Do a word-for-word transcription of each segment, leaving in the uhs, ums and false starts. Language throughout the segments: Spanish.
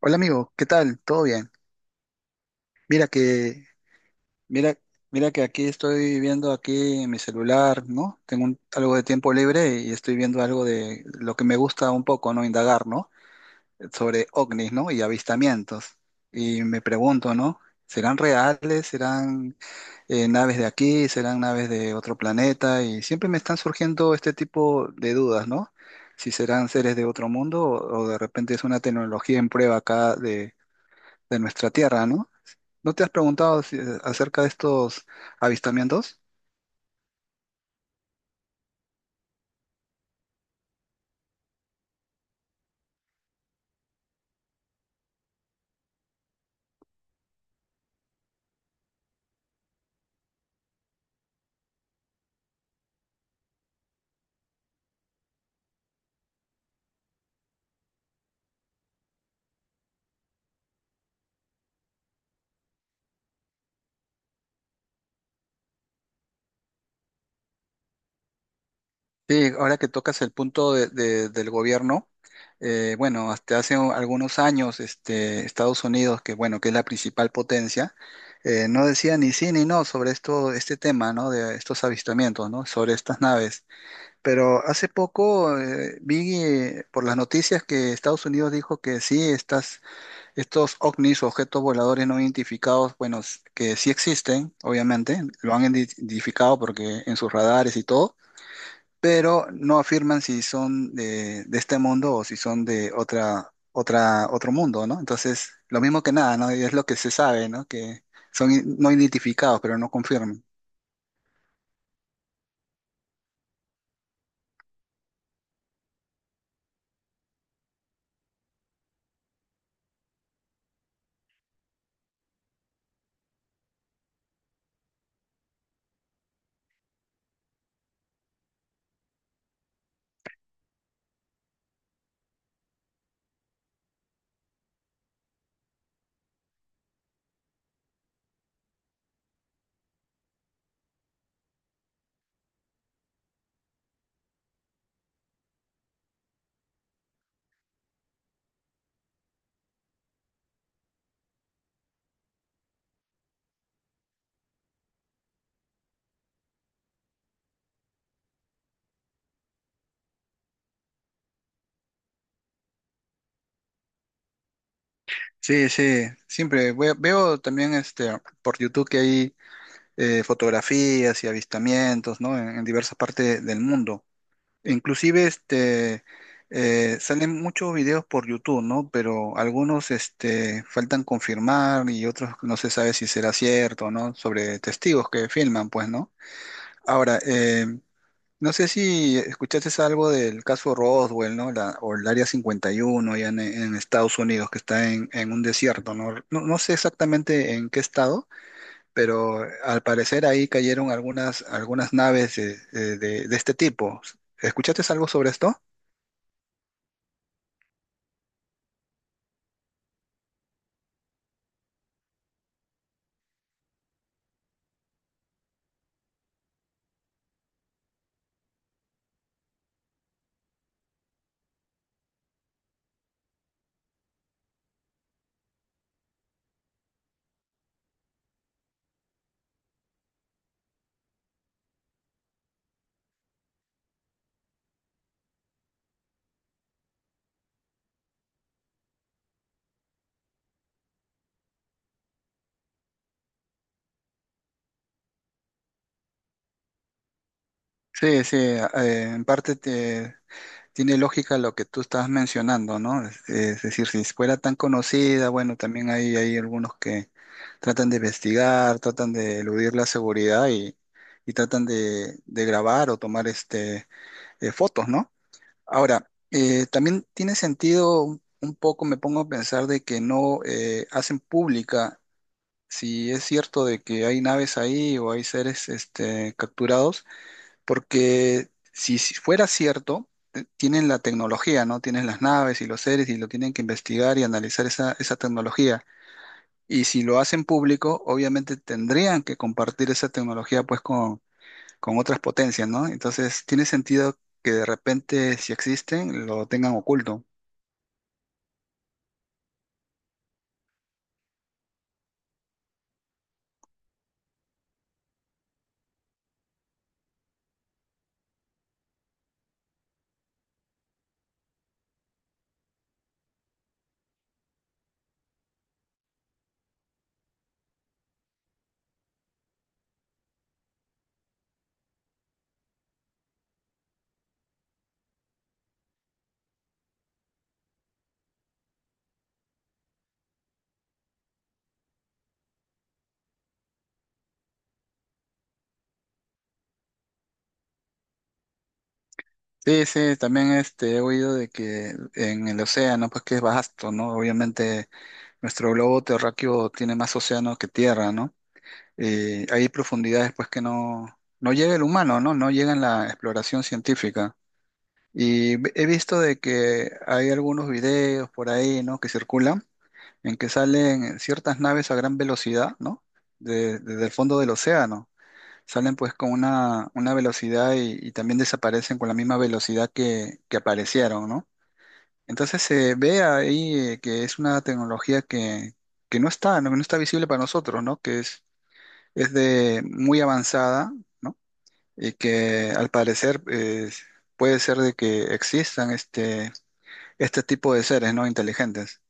Hola amigo, ¿qué tal? ¿Todo bien? Mira que, mira, mira que aquí estoy viendo aquí en mi celular, ¿no? Tengo un- algo de tiempo libre y estoy viendo algo de lo que me gusta un poco, ¿no? Indagar, ¿no? Sobre ovnis, ¿no? Y avistamientos. Y me pregunto, ¿no? ¿Serán reales? ¿Serán eh, naves de aquí? ¿Serán naves de otro planeta? Y siempre me están surgiendo este tipo de dudas, ¿no? Si serán seres de otro mundo o, o de repente es una tecnología en prueba acá de, de nuestra Tierra, ¿no? ¿No te has preguntado si- eh, acerca de estos avistamientos? Sí, ahora que tocas el punto de- de- del gobierno, eh, bueno, hasta hace un- algunos años, este, Estados Unidos, que bueno, que es la principal potencia, eh, no decía ni sí ni no sobre esto, este tema, ¿no? De estos avistamientos, ¿no? Sobre estas naves. Pero hace poco eh, vi eh, por las noticias que Estados Unidos dijo que sí, estas estos ovnis, objetos voladores no identificados, bueno, s- que sí existen. Obviamente, lo han indi- identificado porque en sus radares y todo, pero no afirman si son de, de este mundo o si son de otra, otra, otro mundo, ¿no? Entonces, lo mismo que nada, ¿no? Y es lo que se sabe, ¿no? Que son i- no identificados, pero no confirman. Sí, sí, siempre ve- veo también este por YouTube que hay eh, fotografías y avistamientos, ¿no? En, en diversas partes del mundo. Inclusive este eh, salen muchos videos por YouTube, ¿no? Pero algunos este, faltan confirmar y otros no se sabe si será cierto, ¿no? Sobre testigos que filman, pues, ¿no? Ahora, eh, no sé si escuchaste algo del caso Roswell, ¿no? La- o el Área cincuenta y uno allá en, en Estados Unidos, que está en, en un desierto, ¿no? No, no sé exactamente en qué estado, pero al parecer ahí cayeron algunas, algunas naves eh, eh, de de este tipo. ¿Escuchaste algo sobre esto? Sí, sí, eh, en parte te- tiene lógica lo que tú estás mencionando, ¿no? Es, es decir, si fuera tan conocida, bueno, también hay, hay algunos que tratan de investigar, tratan de eludir la seguridad y, y tratan de, de grabar o tomar este, eh, fotos, ¿no? Ahora, eh, también tiene sentido un un poco, me pongo a pensar de que no eh, hacen pública si es cierto de que hay naves ahí o hay seres este, capturados porque si si fuera cierto, eh, tienen la tecnología, ¿no? Tienen las naves y los seres y lo tienen que investigar y analizar esa, esa tecnología. Y si lo hacen público, obviamente tendrían que compartir esa tecnología pues con, con otras potencias, ¿no? Entonces tiene sentido que de repente, si existen, lo tengan oculto. Sí, sí, también este, he oído de que en el océano, pues que es vasto, ¿no? Obviamente nuestro globo terráqueo tiene más océano que tierra, ¿no? Eh, hay profundidades pues que no, no llega el humano, ¿no? No llega en la exploración científica. Y ve- he visto de que hay algunos videos por ahí, ¿no? Que circulan en que salen ciertas naves a gran velocidad, ¿no? De- desde el fondo del océano. Salen pues con una, una velocidad y, y también desaparecen con la misma velocidad que, que aparecieron, ¿no? Entonces se ve ahí eh, que es una tecnología que, que no está, no, no está visible para nosotros, ¿no? Es de muy avanzada, ¿no? Y que al parecer eh, puede ser de que existan este, este tipo de seres, ¿no? Inteligentes.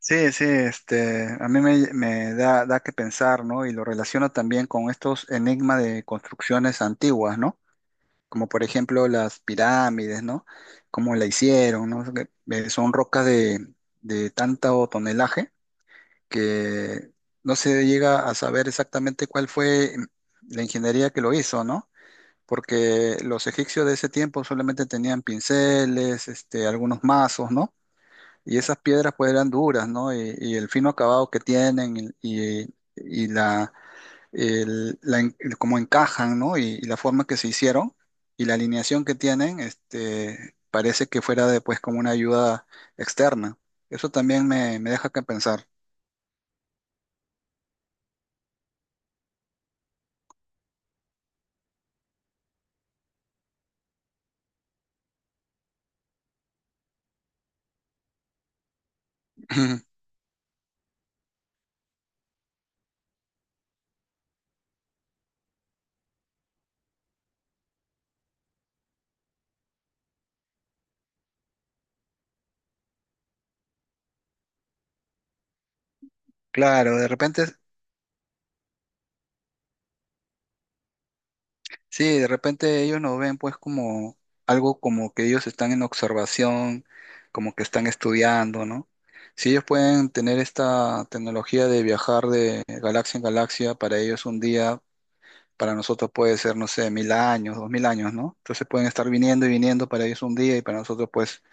Sí, sí, este, a mí me, me da, da que pensar, ¿no? Y lo relaciono también con estos enigmas de construcciones antiguas, ¿no? Como por ejemplo las pirámides, ¿no? Cómo la hicieron, ¿no? Que, eh, son rocas de, de tanto tonelaje que no se llega a saber exactamente cuál fue la ingeniería que lo hizo, ¿no? Porque los egipcios de ese tiempo solamente tenían pinceles, este, algunos mazos, ¿no? Y esas piedras pues eran duras, ¿no? Y, y el fino acabado que tienen y, y- y la, el- la en- el cómo encajan, ¿no? Y, y la forma que se hicieron y la alineación que tienen, este, parece que fuera de, pues como una ayuda externa. Eso también me, me deja que pensar. Claro, de repente, sí, de repente ellos nos ven pues como algo como que ellos están en observación, como que están estudiando, ¿no? Si ellos pueden tener esta tecnología de viajar de galaxia en galaxia, para ellos un día, para nosotros puede ser, no sé, mil años, dos mil años, ¿no? Entonces pueden estar viniendo y viniendo, para ellos un día y para nosotros pues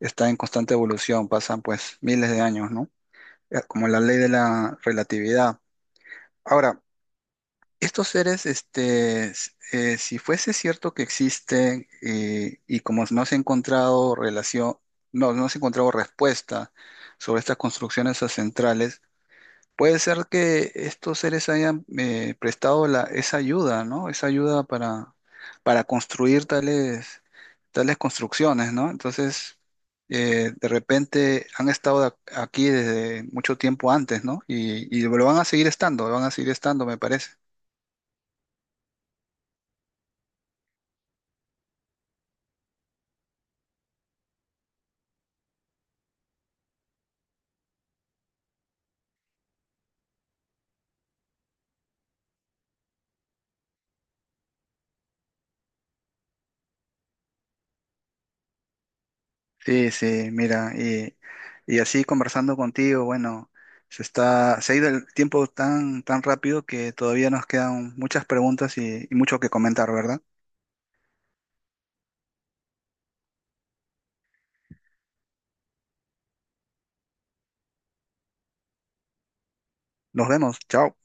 está en constante evolución, pasan pues miles de años, ¿no? Eh, como la ley de la relatividad. Ahora, estos seres, este, s- eh, si fuese cierto que existen eh, y como no se ha encontrado relación, no, no se ha encontrado respuesta sobre estas construcciones ancestrales, puede ser que estos seres hayan eh, prestado la, esa ayuda, ¿no? Esa ayuda para, para construir tales, tales construcciones, ¿no? Entonces, eh, de repente han estado ac- aquí desde mucho tiempo antes, ¿no? Y, y lo van a seguir estando, lo van a seguir estando, me parece. Sí, sí, mira, y, y así conversando contigo, bueno, se está, se ha ido el tiempo tan, tan rápido que todavía nos quedan muchas preguntas y, y mucho que comentar, ¿verdad? Nos vemos, chao.